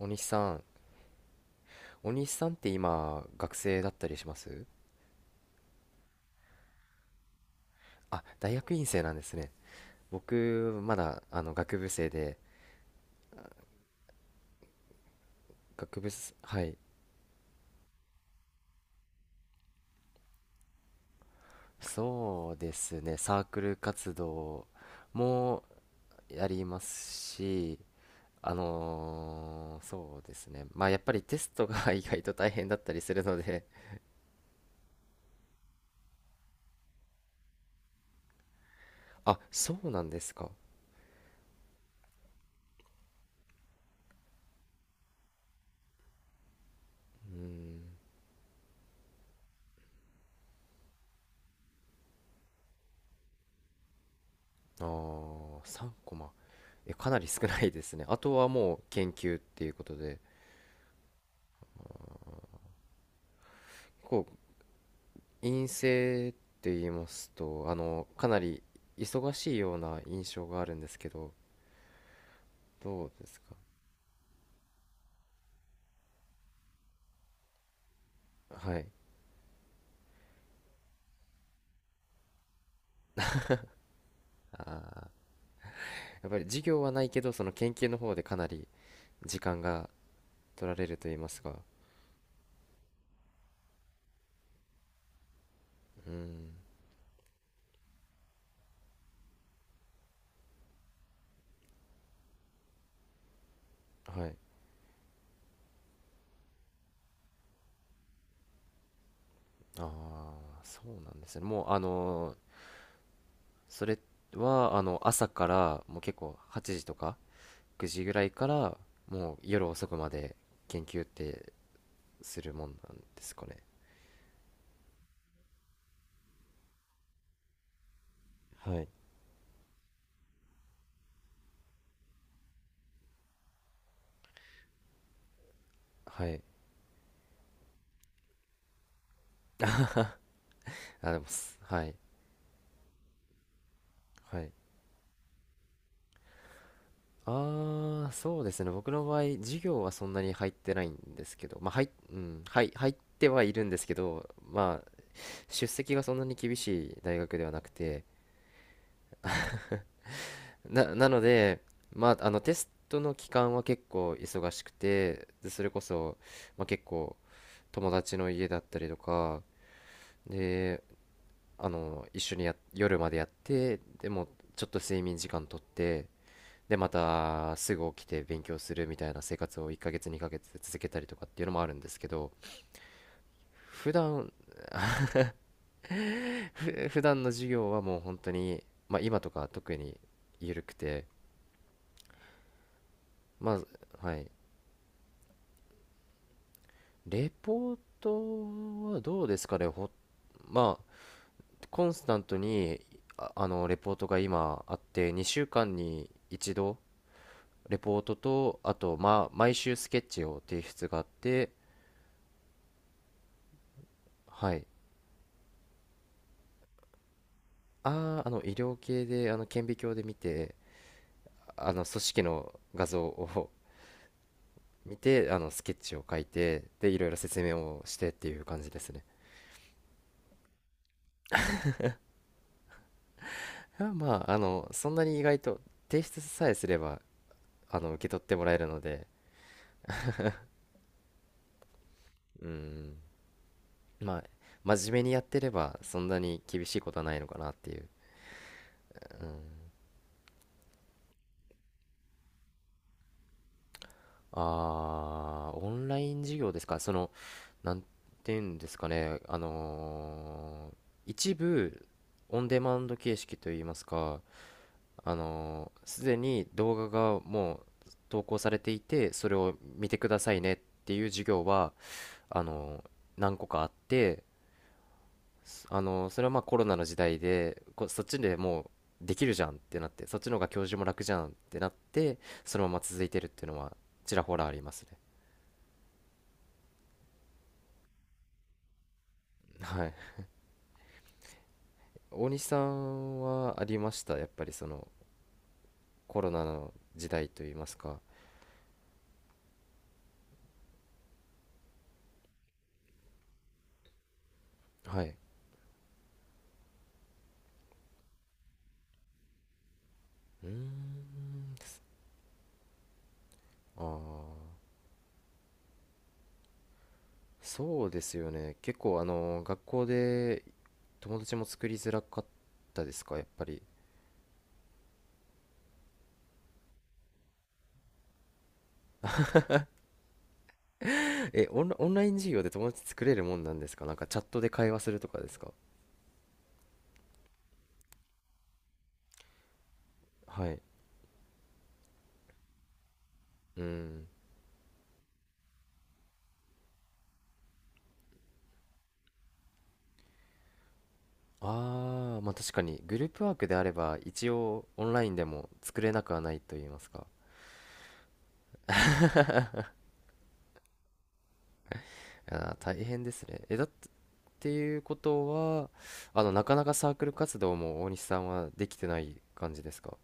に西さん、に西さんって今、学生だったりします？あ、大学院生なんですね。僕、まだ、学部生で、学部す、はい。そうですね、サークル活動もやりますし、そうですね。まあ、やっぱりテストが 意外と大変だったりするので、あ、そうなんですか。うん、あー、3コマ。え、かなり少ないですね。あとはもう研究っていうことで、陰性って言いますと、かなり忙しいような印象があるんですけど、どうですか？はい。ああ、やっぱり授業はないけど、その研究の方でかなり時間が取られると言いますか。うん。はい。ああ、そうなんですね。もう、それは、朝から、もう結構8時とか9時ぐらいから、もう夜遅くまで研究ってするもんなんですかね。はい。はい。あ、でもす、はい。はい。ああ、そうですね。僕の場合、授業はそんなに入ってないんですけど、まあ、はい、うん、はい、入ってはいるんですけど、まあ、出席がそんなに厳しい大学ではなくて、な、なので、まあ、テストの期間は結構忙しくて、でそれこそ、まあ、結構、友達の家だったりとか、で、一緒にや、夜までやって、でも、ちょっと睡眠時間とって、でまたすぐ起きて勉強するみたいな生活を1ヶ月2ヶ月続けたりとかっていうのもあるんですけど、普段、ふ普段の授業はもう本当に、まあ、今とか特に緩くて、まあ、はい、レポートはどうですかね、ほ、まあ、コンスタントに、あ、レポートが今あって、2週間に一度レポートと、あと、まあ、毎週スケッチを提出があって、はい。ああ、医療系で顕微鏡で見て組織の画像を見てスケッチを書いて、でいろいろ説明をしてっていう感じですね。あ、まあそんなに意外と提出さえすれば受け取ってもらえるので。うん。まあ、真面目にやってればそんなに厳しいことはないのかなっていう。あー、オンライン授業ですか。その、なんていうんですかね、一部オンデマンド形式といいますか、すでに動画がもう投稿されていて、それを見てくださいねっていう授業は、あのー何個かあって、それはまあコロナの時代でこそっちでもうできるじゃんってなって、そっちの方が教授も楽じゃんってなってそのまま続いてるっていうのはちらほらありますね。はい、大西さんはありました？やっぱりそのコロナの時代といいますか。はい。うーん。ああ、そうですよね。結構あの学校で友達も作りづらかったですか、やっぱり。え、オンラ、オンライン授業で友達作れるもんなんですか？なんかチャットで会話するとかですか？はい。うん。ああ、まあ確かにグループワークであれば一応オンラインでも作れなくはないと言いますか。あー、大変ですね。え、だっっていうことは、なかなかサークル活動も大西さんはできてない感じですか？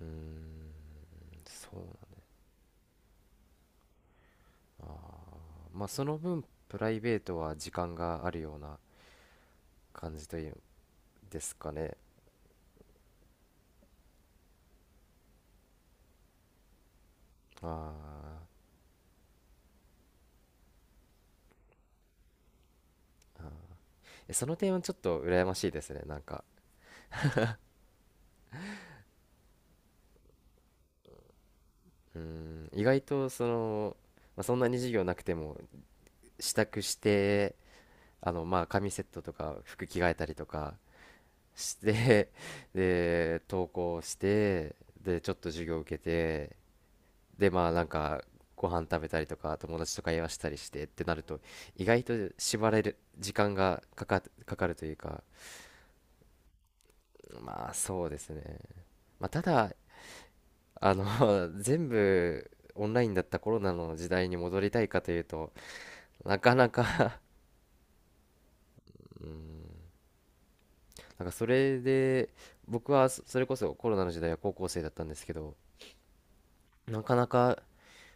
うーん、そう。まあその分、プライベートは時間があるような感じというんですかね。まあ。ーえその点はちょっと羨ましいですね。なんか、うーん、意外とその、まあ、そんなに授業なくても支度して、まあ紙セットとか服着替えたりとかして で、登校して、で、ちょっと授業受けて、でまあなんかご飯食べたりとか友達と会話したりしてってなると意外と縛られる時間がかか、かかるというか。まあそうですね、まあ、ただ全部オンラインだったコロナの時代に戻りたいかというとなかなか。 なんかそれで、僕はそそれこそコロナの時代は高校生だったんですけど、なかなか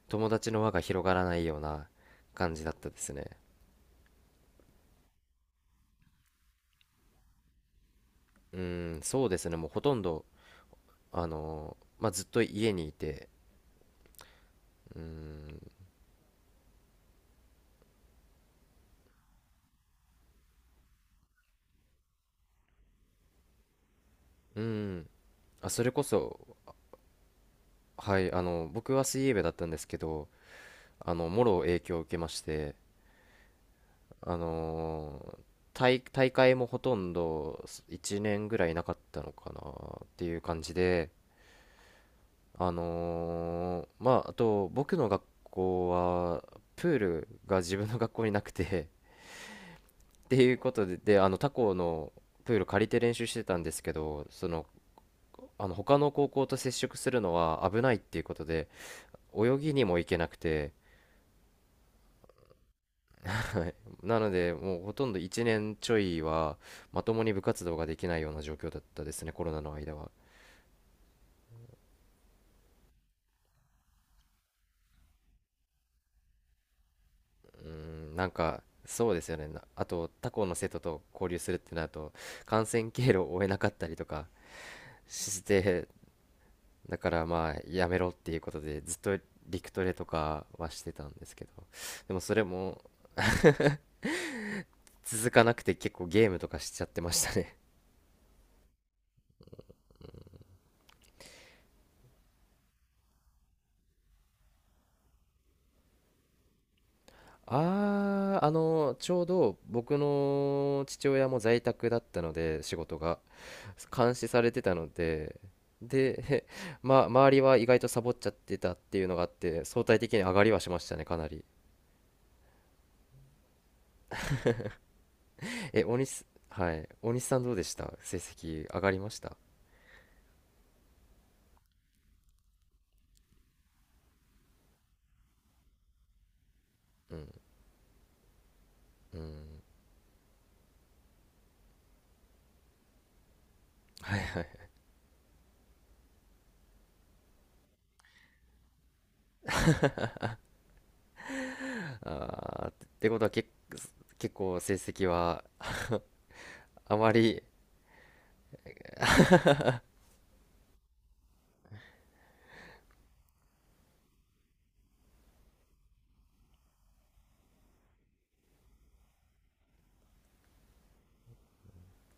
友達の輪が広がらないような感じだったですね。うん、そうですね、もうほとんど、ずっと家にいて、うーん。うーん、あ、それこそ、はい、僕は水泳部だったんですけど、もろ影響を受けまして、あの大、大会もほとんど1年ぐらいなかったのかなっていう感じで、あのまあ、あと、僕の学校は、プールが自分の学校になくてっていうことで、で、他校のプール借りて練習してたんですけど、その、他の高校と接触するのは危ないっていうことで泳ぎにも行けなくて、はい。なのでもうほとんど1年ちょいはまともに部活動ができないような状況だったですね、コロナの間は。うん、なんかそうですよね。なあと他校の生徒と交流するってなると感染経路を追えなかったりとかして、だからまあやめろっていうことでずっと陸トレとかはしてたんですけど、でもそれも続かなくて結構ゲームとかしちゃってましたね。ああ、ちょうど僕の父親も在宅だったので、仕事が監視されてたので、で、ま、周りは意外とサボっちゃってたっていうのがあって、相対的に上がりはしましたね、かなり。え、大西、はい、大西さんどうでした？成績上がりました？うん、うん。ああ、ってことはけ、結構成績は あまり